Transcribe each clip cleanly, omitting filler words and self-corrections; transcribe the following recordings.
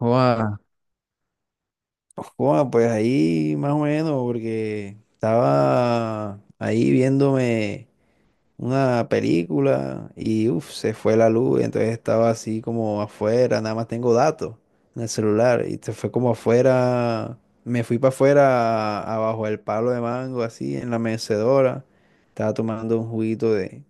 Joda, Joda, pues ahí más o menos, porque estaba ahí viéndome una película y se fue la luz, entonces estaba así como afuera, nada más tengo datos en el celular y se fue como afuera, me fui para afuera, abajo del palo de mango, así en la mecedora, estaba tomando un juguito de,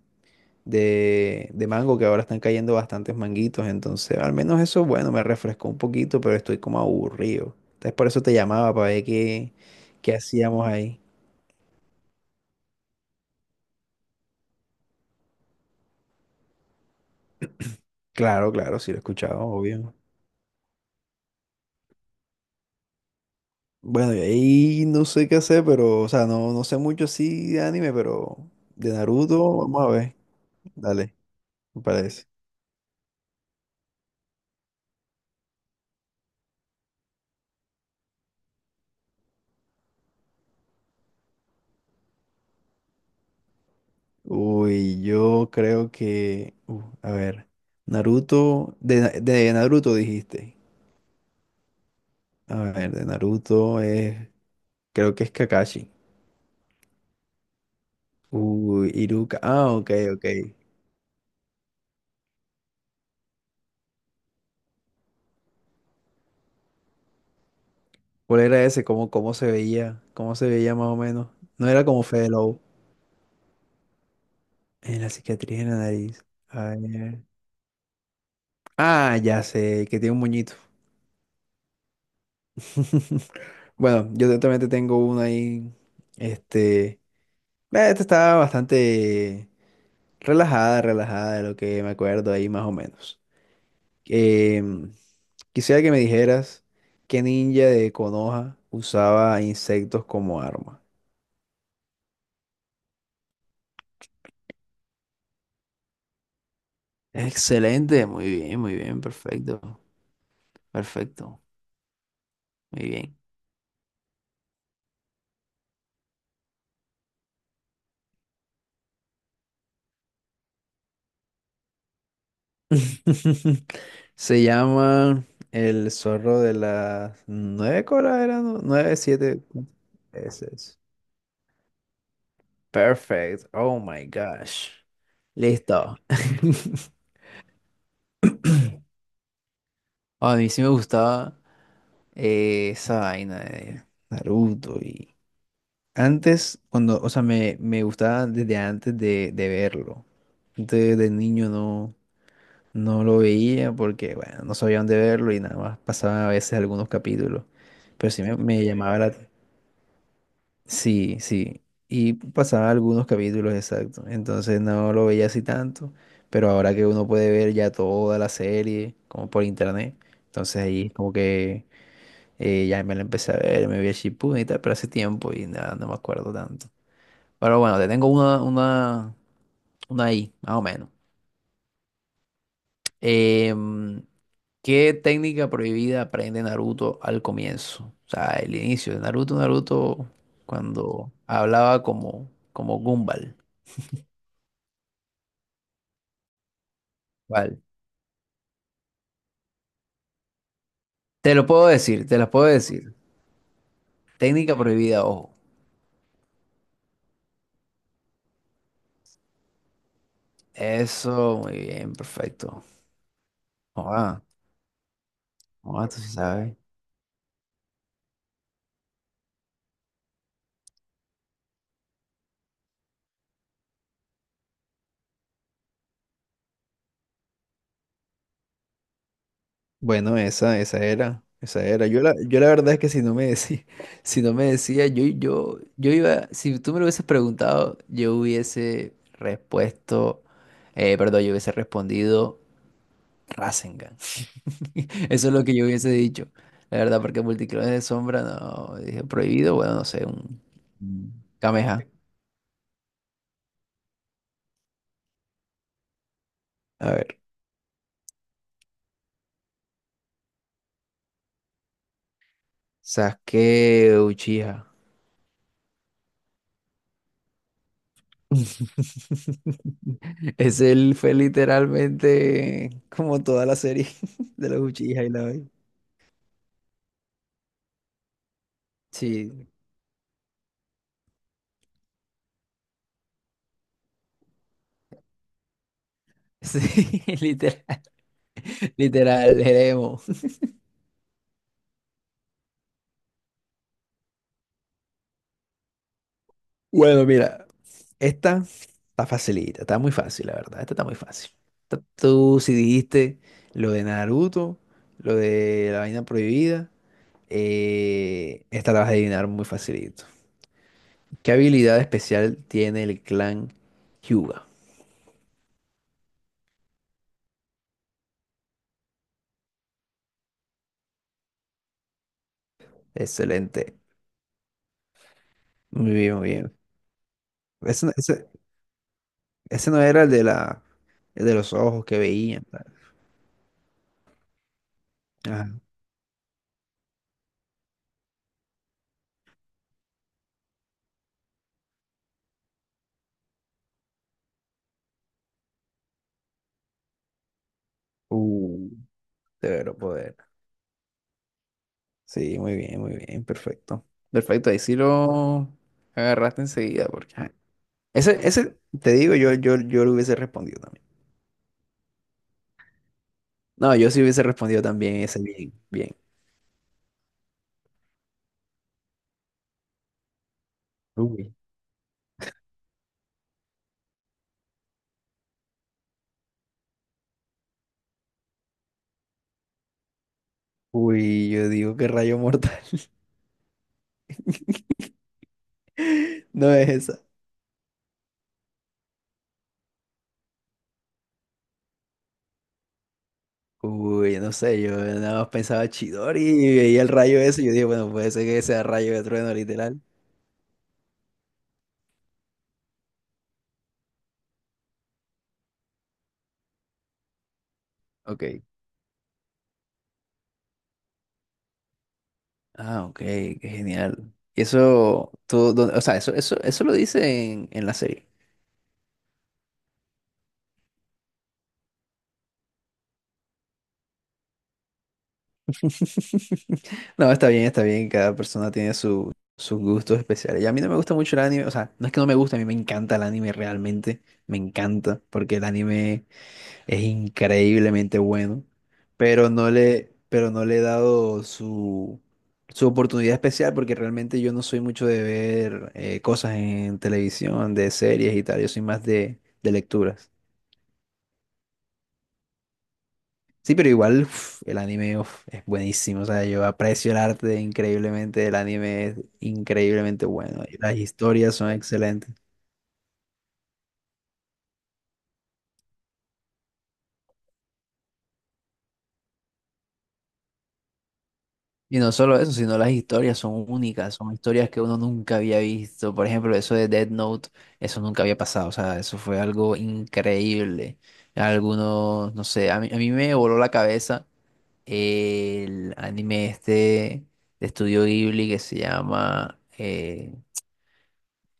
de, de mango, que ahora están cayendo bastantes manguitos. Entonces, al menos eso, bueno, me refrescó un poquito, pero estoy como aburrido. Entonces, por eso te llamaba para ver qué, qué hacíamos ahí. Claro, claro, sí lo he escuchado, obvio. Bueno, y ahí no sé qué hacer, pero, o sea, no sé mucho así de anime, pero de Naruto, vamos a ver. Dale, me parece. Uy, yo creo que, a ver, de Naruto dijiste. A ver, de Naruto es. Creo que es Kakashi. Uy, Iruka. Ah, ok, ok. ¿Cuál era ese? ¿Cómo, cómo se veía? ¿Cómo se veía más o menos? No era como Fede Lobo. En la cicatriz en la nariz. A ver. Ah, ya sé, el que tiene un moñito. Bueno, también te tengo una ahí. Este. eh, Esta estaba bastante relajada de lo que me acuerdo ahí más o menos. Em, Quisiera que me dijeras qué ninja de Konoha usaba insectos como arma. Excelente, muy bien, perfecto, perfecto, muy bien. Se llama el zorro de las nueve colas, era. ¿No? Nueve, siete. Ese es. Perfect. Oh my gosh. Listo. A mí sí me gustaba esa vaina de Naruto y antes, cuando, o sea, me gustaba desde antes de verlo. Desde, de niño no. No lo veía porque, bueno, no sabía dónde verlo y nada más pasaba a veces algunos capítulos. Pero sí me llamaba la... Sí, sí. Y pasaba algunos capítulos, exacto. Entonces no lo veía así tanto. Pero ahora que uno puede ver ya toda la serie, como por internet, entonces ahí como que ya me la empecé a ver, me vi a Shippuden y tal, pero hace tiempo y nada, no me acuerdo tanto. Pero bueno, te tengo una ahí, más o menos. Em, ¿Qué técnica prohibida aprende Naruto al comienzo? O sea, el inicio de Naruto, cuando hablaba como, como Gumball. Vale. Te lo puedo decir, te las puedo decir. Técnica prohibida, ojo. Eso, muy bien, perfecto. Ah, ah, tú sí sabes. Bueno, esa era. Yo la verdad es que si no me decía, si no me decía, yo iba, si tú me lo hubieses preguntado, yo hubiese respuesto, perdón, yo hubiese respondido Rasengan. Eso es lo que yo hubiese dicho. La verdad, porque multiclones de sombra, no, dije prohibido, bueno, no sé, un. Mm. Kameha. A ver, Sasuke Uchiha. Es. Él fue literalmente como toda la serie de los Uchiha y la vaina. Sí, sí, literal, literal, el emo. Bueno, mira, esta está facilita, está muy fácil, la verdad. Esta está muy fácil. Esta- Tú si dijiste lo de Naruto, lo de la vaina prohibida, esta la vas a adivinar muy facilito. ¿Qué habilidad especial tiene el clan Hyuga? Excelente. Muy bien, muy bien. Ese, no ese- ese no era el de la, el de los ojos que veían. Tal. Ajá. Uh, severo poder. Sí, muy bien, perfecto. Perfecto, ahí sí lo agarraste enseguida, porque ajá. Te digo, yo lo hubiese respondido también. No, yo sí hubiese respondido también ese bien, bien. Uy. Uy, yo digo que rayo mortal. No es esa. Uy, no sé, yo nada más pensaba Chidori y veía el rayo ese. Yo dije, bueno, puede ser que sea rayo de trueno, literal. Ok. Ah, ok, qué genial. Y eso, todo, o sea, eso lo dice en la serie. No, está bien, está bien. Cada persona tiene su, sus gustos especiales. Y a mí no me gusta mucho el anime. O sea, no es que no me guste, a mí me encanta el anime realmente. Me encanta, porque el anime es increíblemente bueno. Pero pero no le he dado su, su oportunidad especial, porque realmente yo no soy mucho de ver cosas en televisión, de series y tal. Yo soy más de lecturas. Sí, pero igual uf, el anime uf, es buenísimo. O sea, yo aprecio el arte increíblemente. El anime es increíblemente bueno. Y las historias son excelentes. Y no solo eso, sino las historias son únicas. Son historias que uno nunca había visto. Por ejemplo, eso de Death Note, eso nunca había pasado. O sea, eso fue algo increíble. Algunos, no sé, a mí me voló la cabeza el anime este de Estudio Ghibli que se llama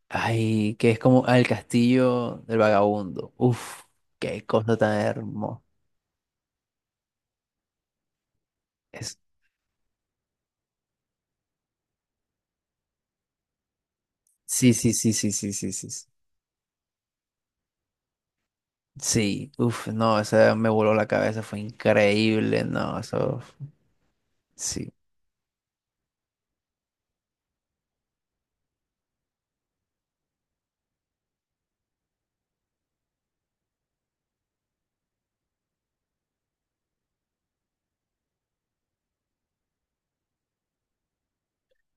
ay, que es como ah, el castillo del vagabundo. Uf, qué cosa tan hermosa. Es... Sí, sí, sí, sí, sí, sí, sí. Sí, sí, uf, no, esa me voló la cabeza, fue increíble, no, eso, sí.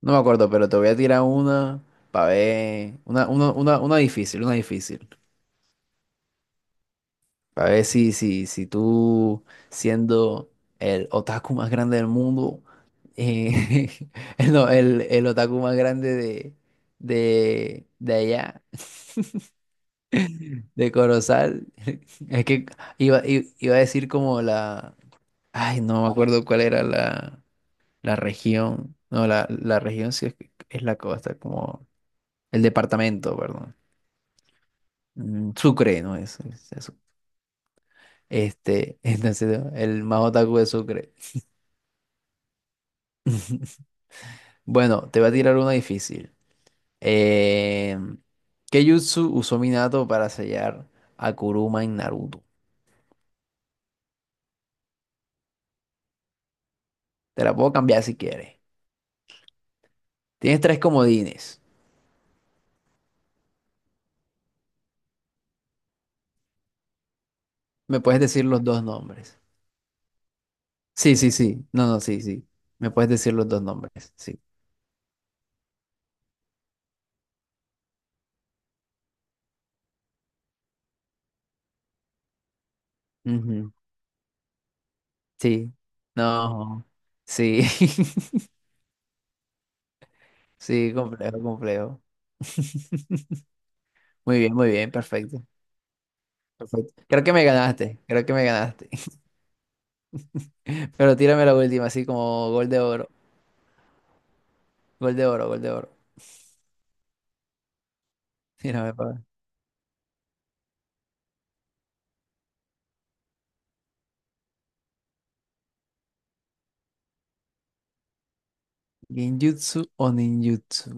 No me acuerdo, pero te voy a tirar una para ver, una difícil, una difícil. A ver si, si, si tú, siendo el otaku más grande del mundo, eh, el, no, el otaku más grande de allá, de Corozal, es que iba a decir como la, ay, no me acuerdo cuál era la, la región, no, la región sí es, que- es la costa, como el departamento, perdón. Mm, Sucre, no este, entonces, el más otaku de Sucre. Bueno, te voy a tirar una difícil. Eh, ¿Qué jutsu usó Minato para sellar a Kuruma en Naruto? Te la puedo cambiar si quieres. Tienes tres comodines. Me puedes decir los dos nombres. Sí, sí, sí. No, no, sí, sí. Me puedes decir los dos nombres. Sí. Ujú. Sí. No. Sí. Sí, complejo, complejo. Muy bien, perfecto. Perfecto. Creo que me ganaste, creo que me ganaste. Pero tírame la última, así como gol de oro, gol de oro, gol de oro. Mira, ninjutsu o ninjutsu.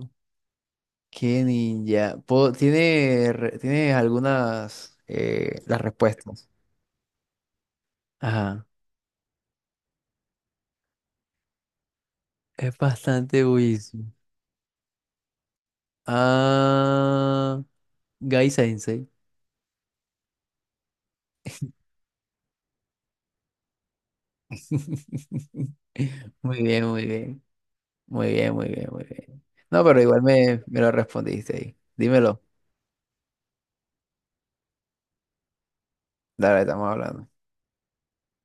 ¿Qué ninja? Tiene, tiene algunas las respuestas. Ajá. Es bastante buenísimo. Ah, Gai Sensei. Muy bien, muy bien. Muy bien, muy bien, muy bien. No, pero igual me lo respondiste ahí. Dímelo. Dale, estamos hablando.